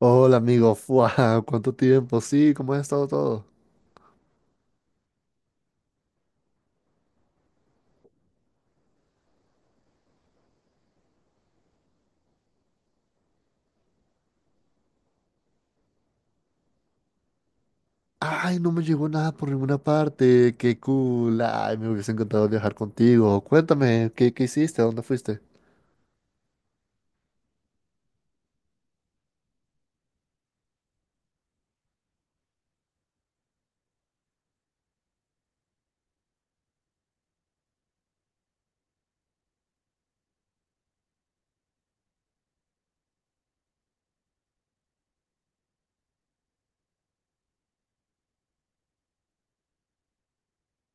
Hola amigo, ¡fua! ¿Cuánto tiempo? Sí, ¿cómo ha estado todo? Ay, no me llegó nada por ninguna parte, qué cool. Ay, me hubiese encantado viajar contigo. Cuéntame, ¿qué hiciste? ¿A dónde fuiste?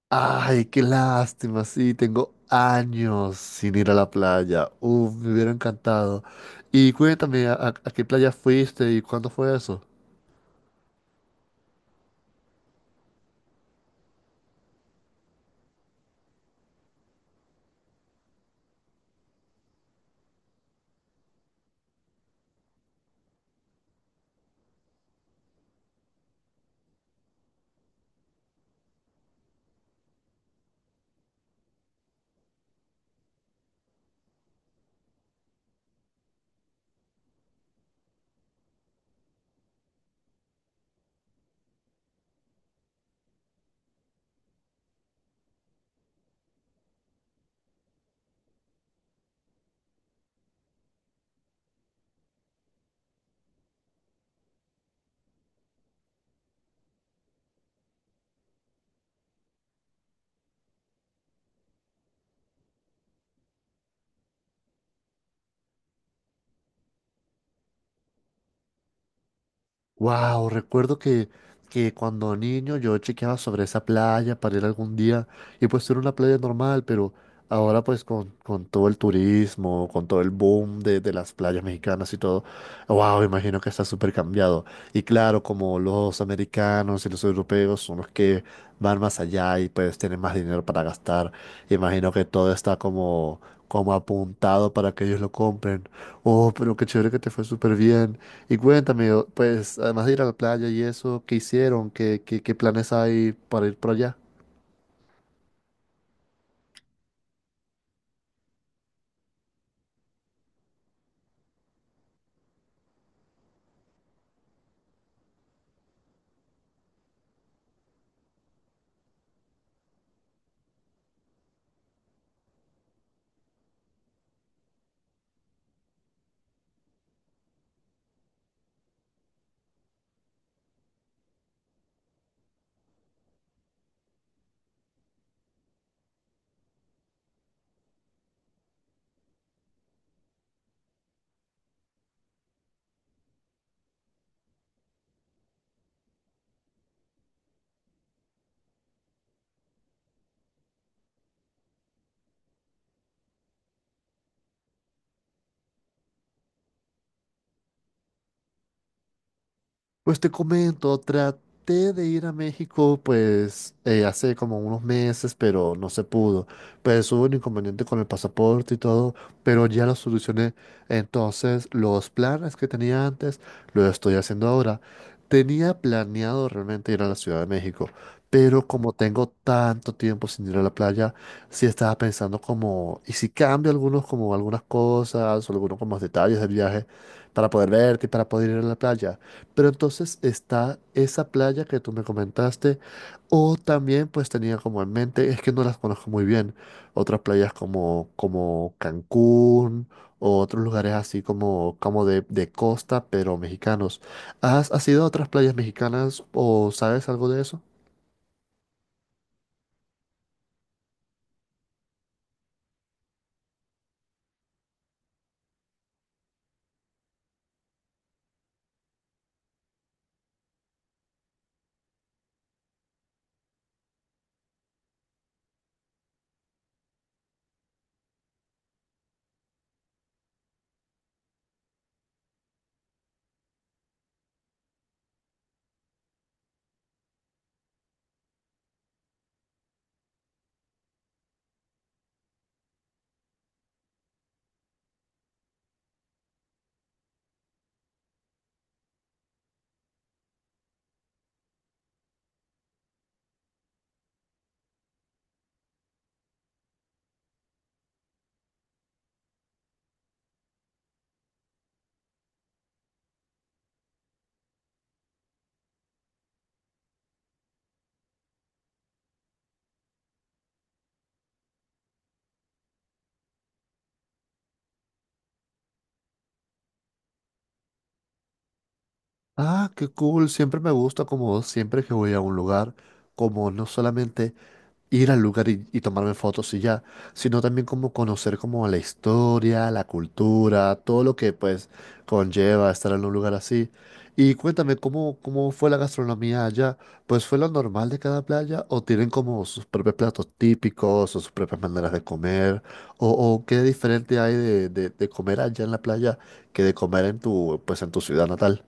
Ay, qué lástima, sí, tengo años sin ir a la playa. Uf, me hubiera encantado. Y cuéntame, ¿a qué playa fuiste y cuándo fue eso? Wow, recuerdo que cuando niño yo chequeaba sobre esa playa para ir algún día y pues era una playa normal, pero ahora pues con todo el turismo, con todo el boom de las playas mexicanas y todo, wow, imagino que está súper cambiado. Y claro, como los americanos y los europeos son los que van más allá y pues tienen más dinero para gastar, imagino que todo está como apuntado para que ellos lo compren. Oh, pero qué chévere que te fue súper bien. Y cuéntame, pues además de ir a la playa y eso, ¿qué hicieron? ¿Qué planes hay para ir para allá? Pues te comento, traté de ir a México pues hace como unos meses, pero no se pudo. Pues hubo un inconveniente con el pasaporte y todo, pero ya lo solucioné. Entonces, los planes que tenía antes, lo estoy haciendo ahora. Tenía planeado realmente ir a la Ciudad de México, pero como tengo tanto tiempo sin ir a la playa, sí estaba pensando como, ¿y si cambio algunos como algunas cosas o algunos como detalles del viaje para poder verte y para poder ir a la playa? Pero entonces está esa playa que tú me comentaste, o también pues tenía como en mente, es que no las conozco muy bien, otras playas como Cancún o otros lugares así como, como de costa, pero mexicanos. ¿Has ido a otras playas mexicanas o sabes algo de eso? Ah, qué cool, siempre me gusta como siempre que voy a un lugar, como no solamente ir al lugar y tomarme fotos y ya, sino también como conocer como la historia, la cultura, todo lo que pues conlleva estar en un lugar así. Y cuéntame, ¿cómo fue la gastronomía allá? ¿Pues fue lo normal de cada playa o tienen como sus propios platos típicos o sus propias maneras de comer? ¿O qué diferente hay de, de comer allá en la playa que de comer en tu, pues en tu ciudad natal?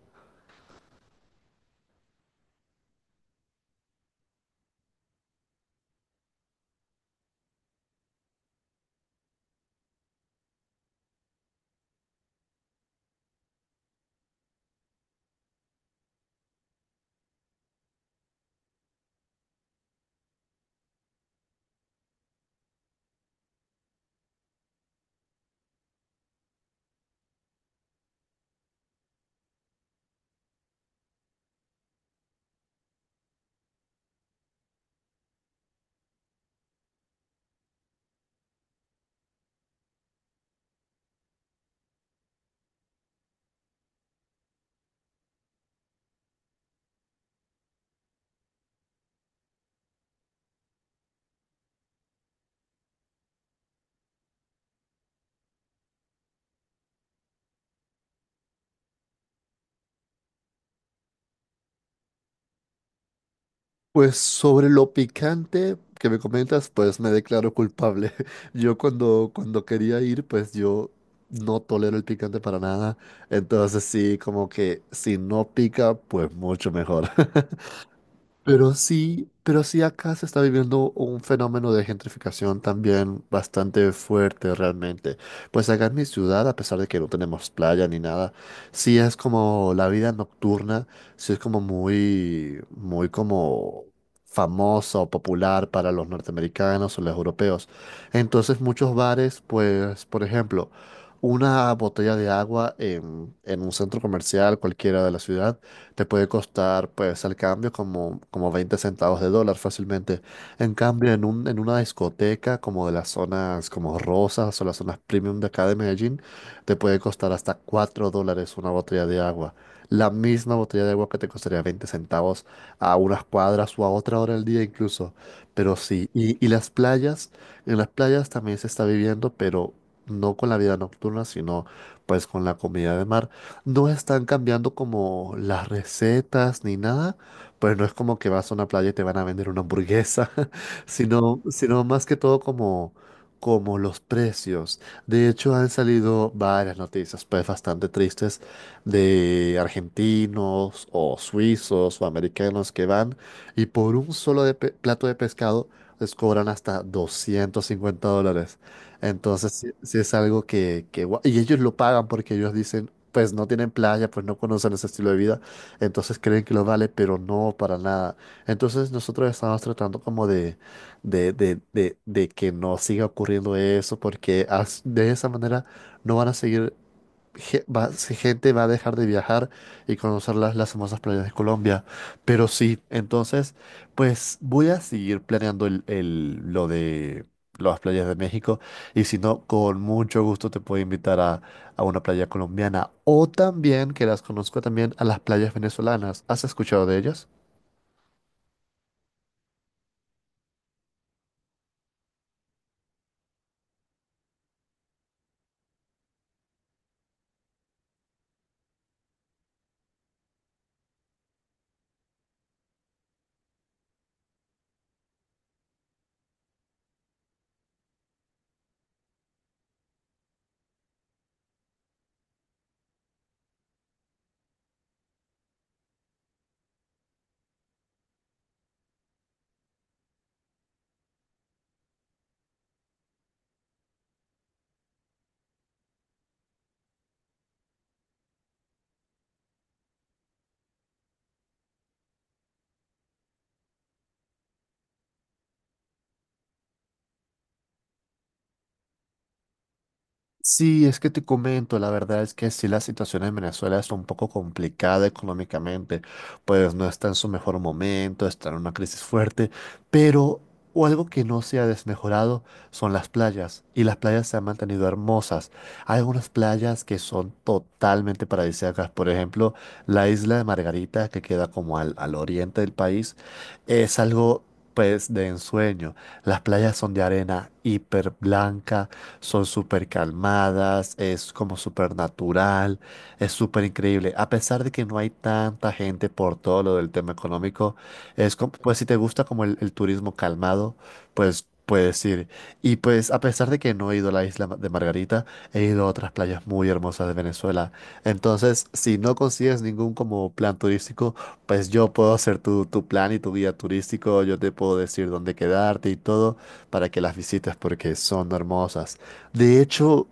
Pues sobre lo picante que me comentas, pues me declaro culpable. Yo cuando quería ir, pues yo no tolero el picante para nada. Entonces sí, como que si no pica, pues mucho mejor. Pero sí acá se está viviendo un fenómeno de gentrificación también bastante fuerte realmente. Pues acá en mi ciudad, a pesar de que no tenemos playa ni nada, sí es como la vida nocturna, sí es como muy como famosa o popular para los norteamericanos o los europeos. Entonces muchos bares, pues, por ejemplo, una botella de agua en un centro comercial cualquiera de la ciudad te puede costar pues al cambio como 20 centavos de dólar fácilmente. En cambio, en una discoteca como de las zonas como Rosas o las zonas premium de acá de Medellín, te puede costar hasta 4 dólares una botella de agua. La misma botella de agua que te costaría 20 centavos a unas cuadras o a otra hora del día incluso. Pero sí, y las playas, en las playas también se está viviendo, pero no con la vida nocturna, sino pues con la comida de mar. No están cambiando como las recetas ni nada, pues no es como que vas a una playa y te van a vender una hamburguesa, sino más que todo como los precios. De hecho, han salido varias noticias, pues bastante tristes, de argentinos o suizos o americanos que van y por un solo plato de pescado les cobran hasta 250 dólares. Entonces, si es algo y ellos lo pagan porque ellos dicen pues no tienen playa, pues no conocen ese estilo de vida, entonces creen que lo vale, pero no para nada. Entonces nosotros estamos tratando como de que no siga ocurriendo eso, porque de esa manera no van a seguir si gente va a dejar de viajar y conocer las hermosas playas de Colombia. Pero sí, entonces, pues voy a seguir planeando lo de las playas de México y si no, con mucho gusto te puedo invitar a una playa colombiana o también, que las conozco también, a las playas venezolanas. ¿Has escuchado de ellas? Sí, es que te comento, la verdad es que sí la situación en Venezuela es un poco complicada económicamente, pues no está en su mejor momento, está en una crisis fuerte, pero o algo que no se ha desmejorado son las playas, y las playas se han mantenido hermosas. Hay algunas playas que son totalmente paradisíacas, por ejemplo, la isla de Margarita, que queda como al oriente del país, es algo... pues de ensueño. Las playas son de arena hiper blanca, son súper calmadas, es como súper natural, es súper increíble. A pesar de que no hay tanta gente por todo lo del tema económico, es como, pues si te gusta como el turismo calmado, pues puedes ir. Y pues a pesar de que no he ido a la isla de Margarita, he ido a otras playas muy hermosas de Venezuela. Entonces, si no consigues ningún como plan turístico, pues yo puedo hacer tu plan y tu guía turístico, yo te puedo decir dónde quedarte y todo para que las visites porque son hermosas. De hecho,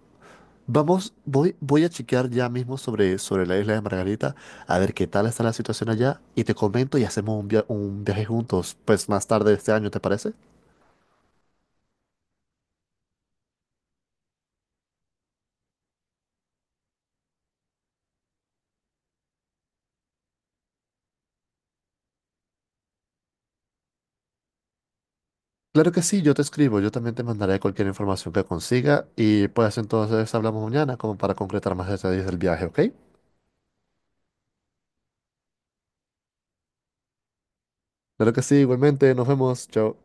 vamos, voy a chequear ya mismo sobre la isla de Margarita, a ver qué tal está la situación allá, y te comento y hacemos un, un viaje juntos, pues más tarde este año, ¿te parece? Claro que sí, yo te escribo, yo también te mandaré cualquier información que consiga, y pues entonces hablamos mañana como para concretar más detalles del viaje, ¿ok? Claro que sí, igualmente, nos vemos, chao.